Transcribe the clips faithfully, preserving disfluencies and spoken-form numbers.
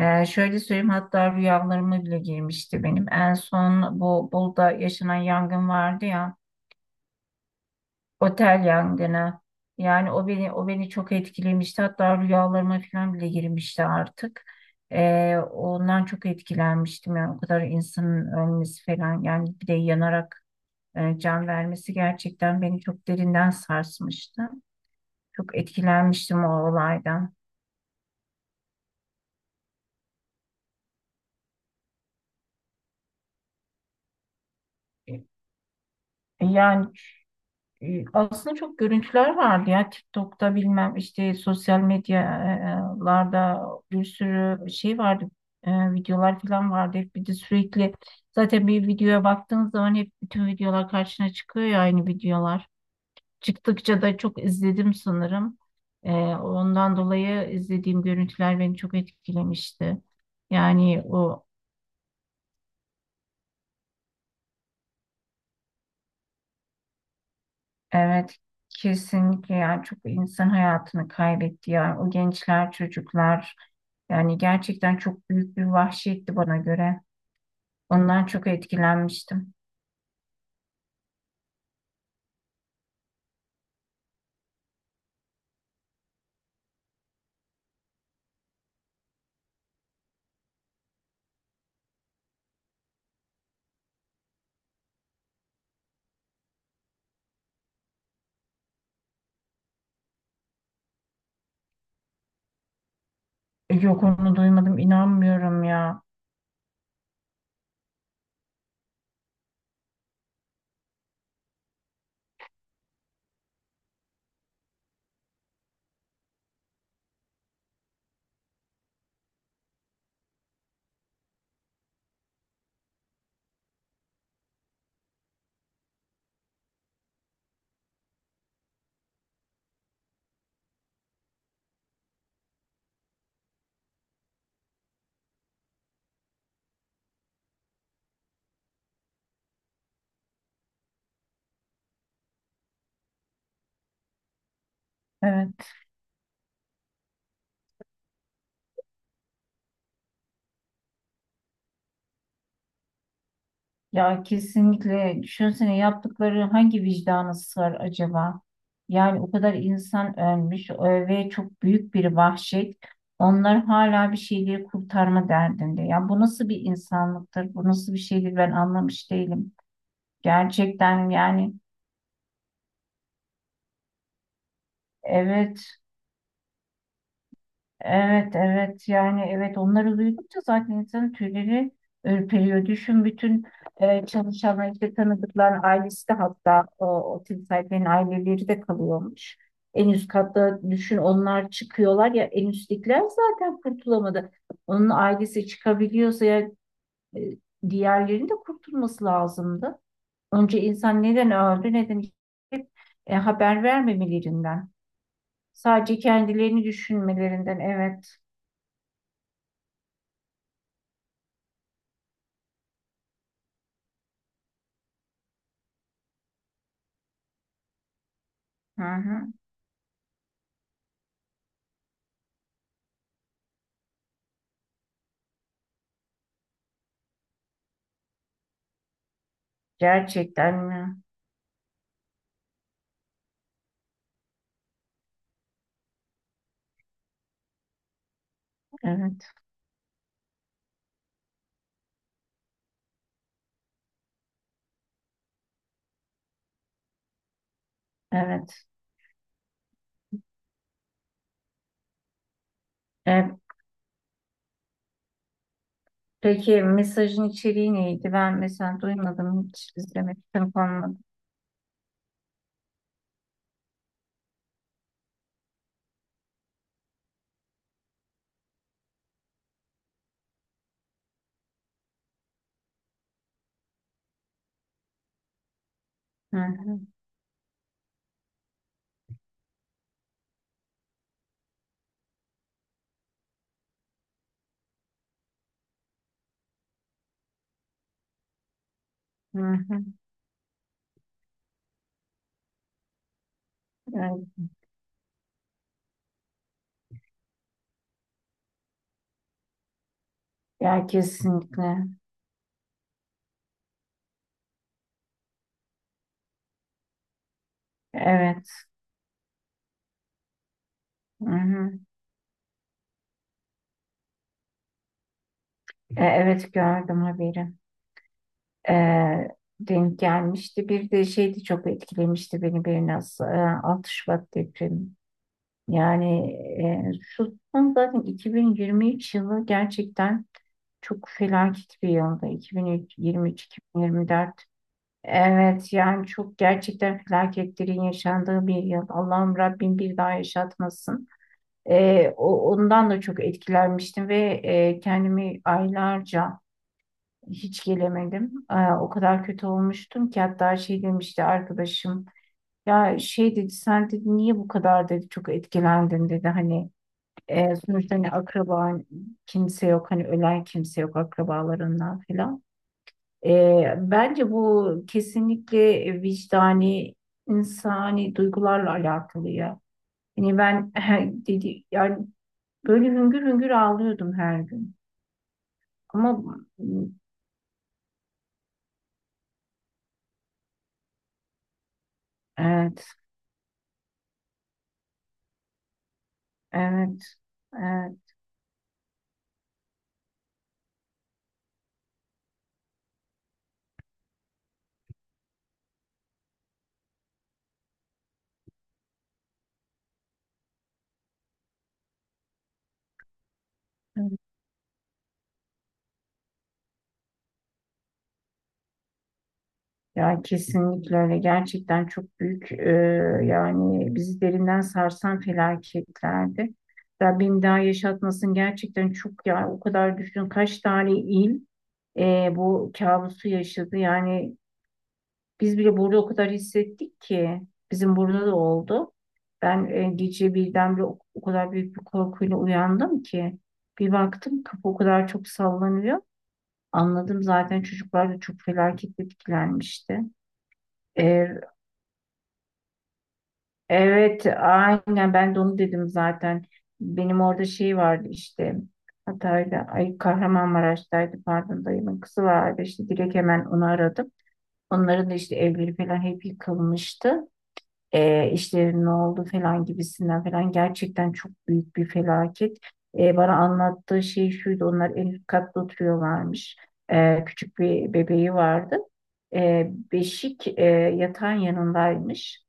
Ee, şöyle söyleyeyim, hatta rüyalarıma bile girmişti benim. En son bu Bolu'da yaşanan yangın vardı ya, otel yangını. Yani o beni o beni çok etkilemişti. Hatta rüyalarıma falan bile girmişti artık. Ee, ondan çok etkilenmiştim. Yani o kadar insanın ölmesi falan, yani bir de yanarak e, can vermesi gerçekten beni çok derinden sarsmıştı. Çok etkilenmiştim o olaydan. Yani E, aslında çok görüntüler vardı ya, TikTok'ta bilmem işte sosyal medyalarda bir sürü şey vardı, e, videolar falan vardı. Bir de sürekli, zaten bir videoya baktığın zaman hep bütün videolar karşına çıkıyor ya, aynı videolar çıktıkça da çok izledim sanırım. E, ondan dolayı izlediğim görüntüler beni çok etkilemişti. Yani o, evet, kesinlikle, yani çok insan hayatını kaybetti, yani o gençler, çocuklar. Yani gerçekten çok büyük bir vahşetti bana göre. Ondan çok etkilenmiştim. E, Yok, onu duymadım, inanmıyorum ya. Evet. Ya kesinlikle, düşünsene yaptıkları hangi vicdana sığar acaba? Yani o kadar insan ölmüş, ö- ve çok büyük bir vahşet. Onlar hala bir şeyleri kurtarma derdinde. Ya bu nasıl bir insanlıktır? Bu nasıl bir şeydir? Ben anlamış değilim. Gerçekten yani, evet. Evet, evet. Yani evet, onları duydukça zaten insanın tüyleri ürperiyor. Düşün, bütün e, çalışan işte tanıdıkların ailesi de, hatta o otel sahiplerinin aileleri de kalıyormuş. En üst katta düşün, onlar çıkıyorlar ya, en üsttekiler zaten kurtulamadı. Onun ailesi çıkabiliyorsa ya, e, diğerlerinin de kurtulması lazımdı. Önce insan neden öldü, neden gitti? E, haber vermemelerinden. Sadece kendilerini düşünmelerinden. Evet. Hı hı. Gerçekten mi? Evet, evet. E, peki mesajın içeriği neydi? Ben mesela duymadım, hiç izlemek olmadı. Hı hı, hı hı. Evet, ya kesinlikle. Evet. Hı hı. E, evet, gördüm haberi. E, Denk gelmişti. Bir de şeydi, çok etkilemişti beni biraz. E, altı Şubat depremi. Yani e, şu son zaten iki bin yirmi üç yılı gerçekten çok felaket bir yıldı. iki bin yirmi üç-iki bin yirmi dört. Evet, yani çok, gerçekten felaketlerin yaşandığı bir yıl. Allah'ım, Rabbim bir daha yaşatmasın. Ee, o, ondan da çok etkilenmiştim ve e, kendimi aylarca hiç gelemedim. Ee, o kadar kötü olmuştum ki, hatta şey demişti arkadaşım. Ya şey dedi, sen dedi niye bu kadar dedi çok etkilendin dedi, hani e, sonuçta hani akraban kimse yok, hani ölen kimse yok akrabalarından falan. Ee, bence bu kesinlikle vicdani, insani duygularla alakalı ya. Yani ben dedi, yani böyle hüngür hüngür ağlıyordum her gün. Ama bu- evet, evet, evet. Evet. Ya kesinlikle öyle. Gerçekten çok büyük, e, yani bizi derinden sarsan felaketlerdi. Rabbim daha yaşatmasın, gerçekten çok ya, o kadar düşün kaç tane il e, bu kabusu yaşadı. Yani biz bile burada o kadar hissettik ki, bizim burada da oldu. Ben e, gece birdenbire o, o kadar büyük bir korkuyla uyandım ki, bir baktım kapı o kadar çok sallanıyor. Anladım, zaten çocuklar da çok felaket etkilenmişti. E, evet, aynen ben de onu dedim zaten. Benim orada şey vardı işte Hatay'da, ay Kahramanmaraş'taydı pardon, dayımın kızı vardı, işte direkt hemen onu aradım. Onların da işte evleri falan hep yıkılmıştı. e, işlerin ne oldu falan gibisinden falan, gerçekten çok büyük bir felaket. E, bana anlattığı şey şuydu, onlar en üst katta oturuyorlarmış. E, küçük bir bebeği vardı. E, beşik e, yatağın yanındaymış.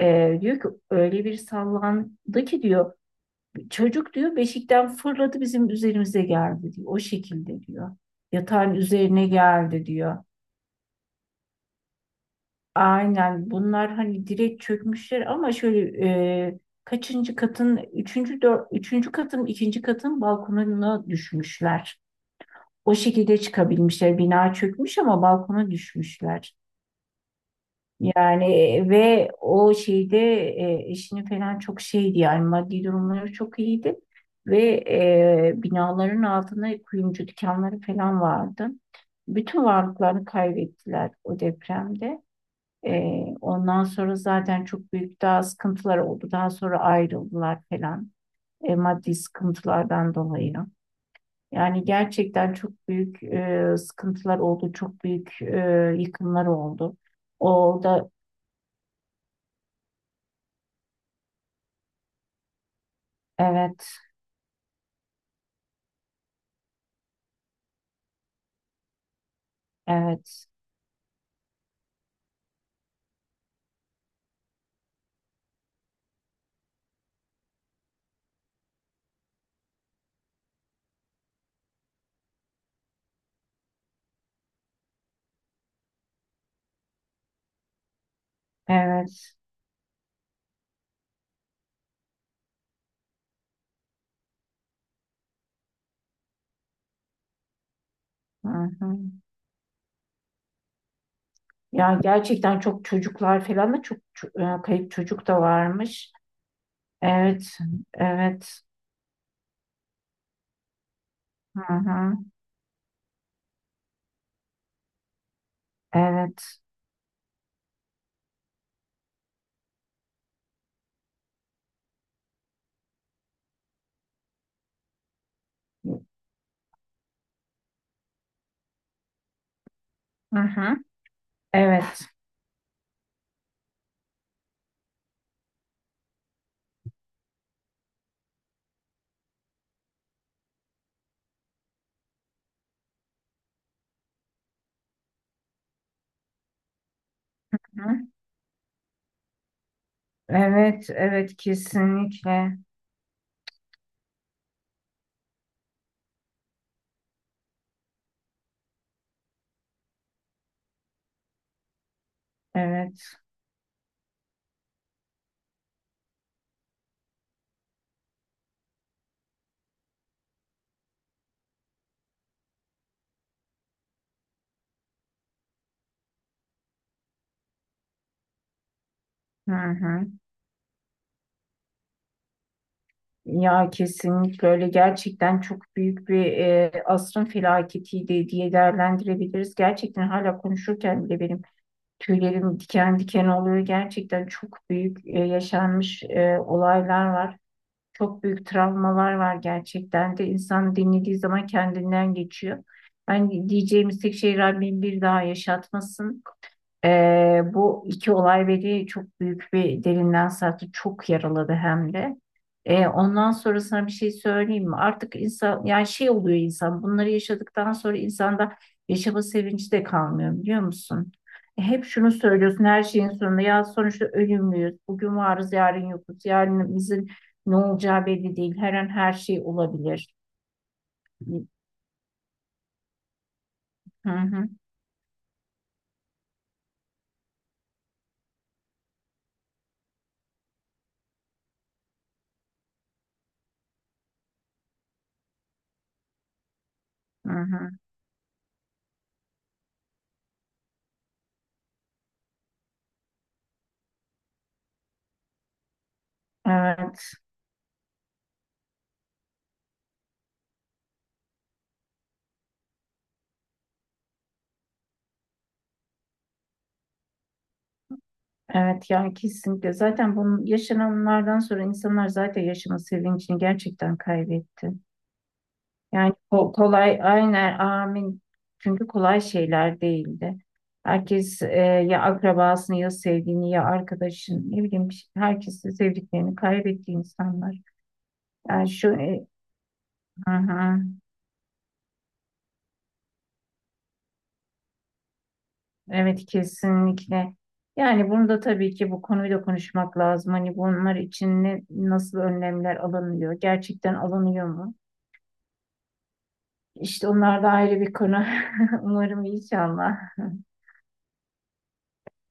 E, diyor ki öyle bir sallandı ki diyor, çocuk diyor beşikten fırladı bizim üzerimize geldi diyor. O şekilde diyor. Yatağın üzerine geldi diyor. Aynen, bunlar hani direkt çökmüşler ama şöyle, e, kaçıncı katın üçüncü, dör, üçüncü katın, ikinci katın balkonuna düşmüşler. O şekilde çıkabilmişler. Bina çökmüş ama balkona düşmüşler. Yani e, ve o şeyde e, eşini falan çok şeydi, yani maddi durumları çok iyiydi. Ve e, binaların altında kuyumcu dükkanları falan vardı. Bütün varlıklarını kaybettiler o depremde. Ee, ondan sonra zaten çok büyük daha sıkıntılar oldu. Daha sonra ayrıldılar falan. E, maddi sıkıntılardan dolayı. Yani gerçekten çok büyük e, sıkıntılar oldu. Çok büyük e, yıkımlar oldu. O da evet, evet, evet. Hı hı. Ya gerçekten çok, çocuklar falan da çok ço- e, kayıp çocuk da varmış. Evet, evet. Hı hı. Evet. Hı hı. Evet. Evet, evet, kesinlikle. Evet. Hı hı. Ya kesinlikle öyle, gerçekten çok büyük bir e, asrın felaketiydi diye değerlendirebiliriz. Gerçekten hala konuşurken bile benim tüylerim diken diken oluyor. Gerçekten çok büyük e, yaşanmış e, olaylar var. Çok büyük travmalar var gerçekten de. İnsan dinlediği zaman kendinden geçiyor. Ben diyeceğimiz tek şey, Rabbim bir daha yaşatmasın. Ee, bu iki olay beni çok büyük bir derinden sarktı. Çok yaraladı hem de. Ee, ondan sonrasına bir şey söyleyeyim mi? Artık insan, yani şey oluyor, insan bunları yaşadıktan sonra insanda yaşama sevinci de kalmıyor, biliyor musun? E, Hep şunu söylüyorsun, her şeyin sonunda ya sonuçta ölümlüyüz. Bugün varız, yarın yokuz. Yarınımızın ne olacağı belli değil. Her an her şey olabilir. Hı hı, hı hı. Evet. Evet ya, kesinlikle. Zaten bunun yaşananlardan sonra insanlar zaten yaşama sevincini gerçekten kaybetti. Yani ko- kolay, aynen amin. Çünkü kolay şeyler değildi. Herkes e, ya akrabasını, ya sevdiğini, ya arkadaşını, ne bileyim herkesi, sevdiklerini kaybetti insanlar. Yani şu, e, hı hı, evet kesinlikle. Yani bunu da tabii ki, bu konuyu da konuşmak lazım. Hani bunlar için ne, nasıl önlemler alınıyor? Gerçekten alınıyor mu? İşte onlar da ayrı bir konu. Umarım, inşallah.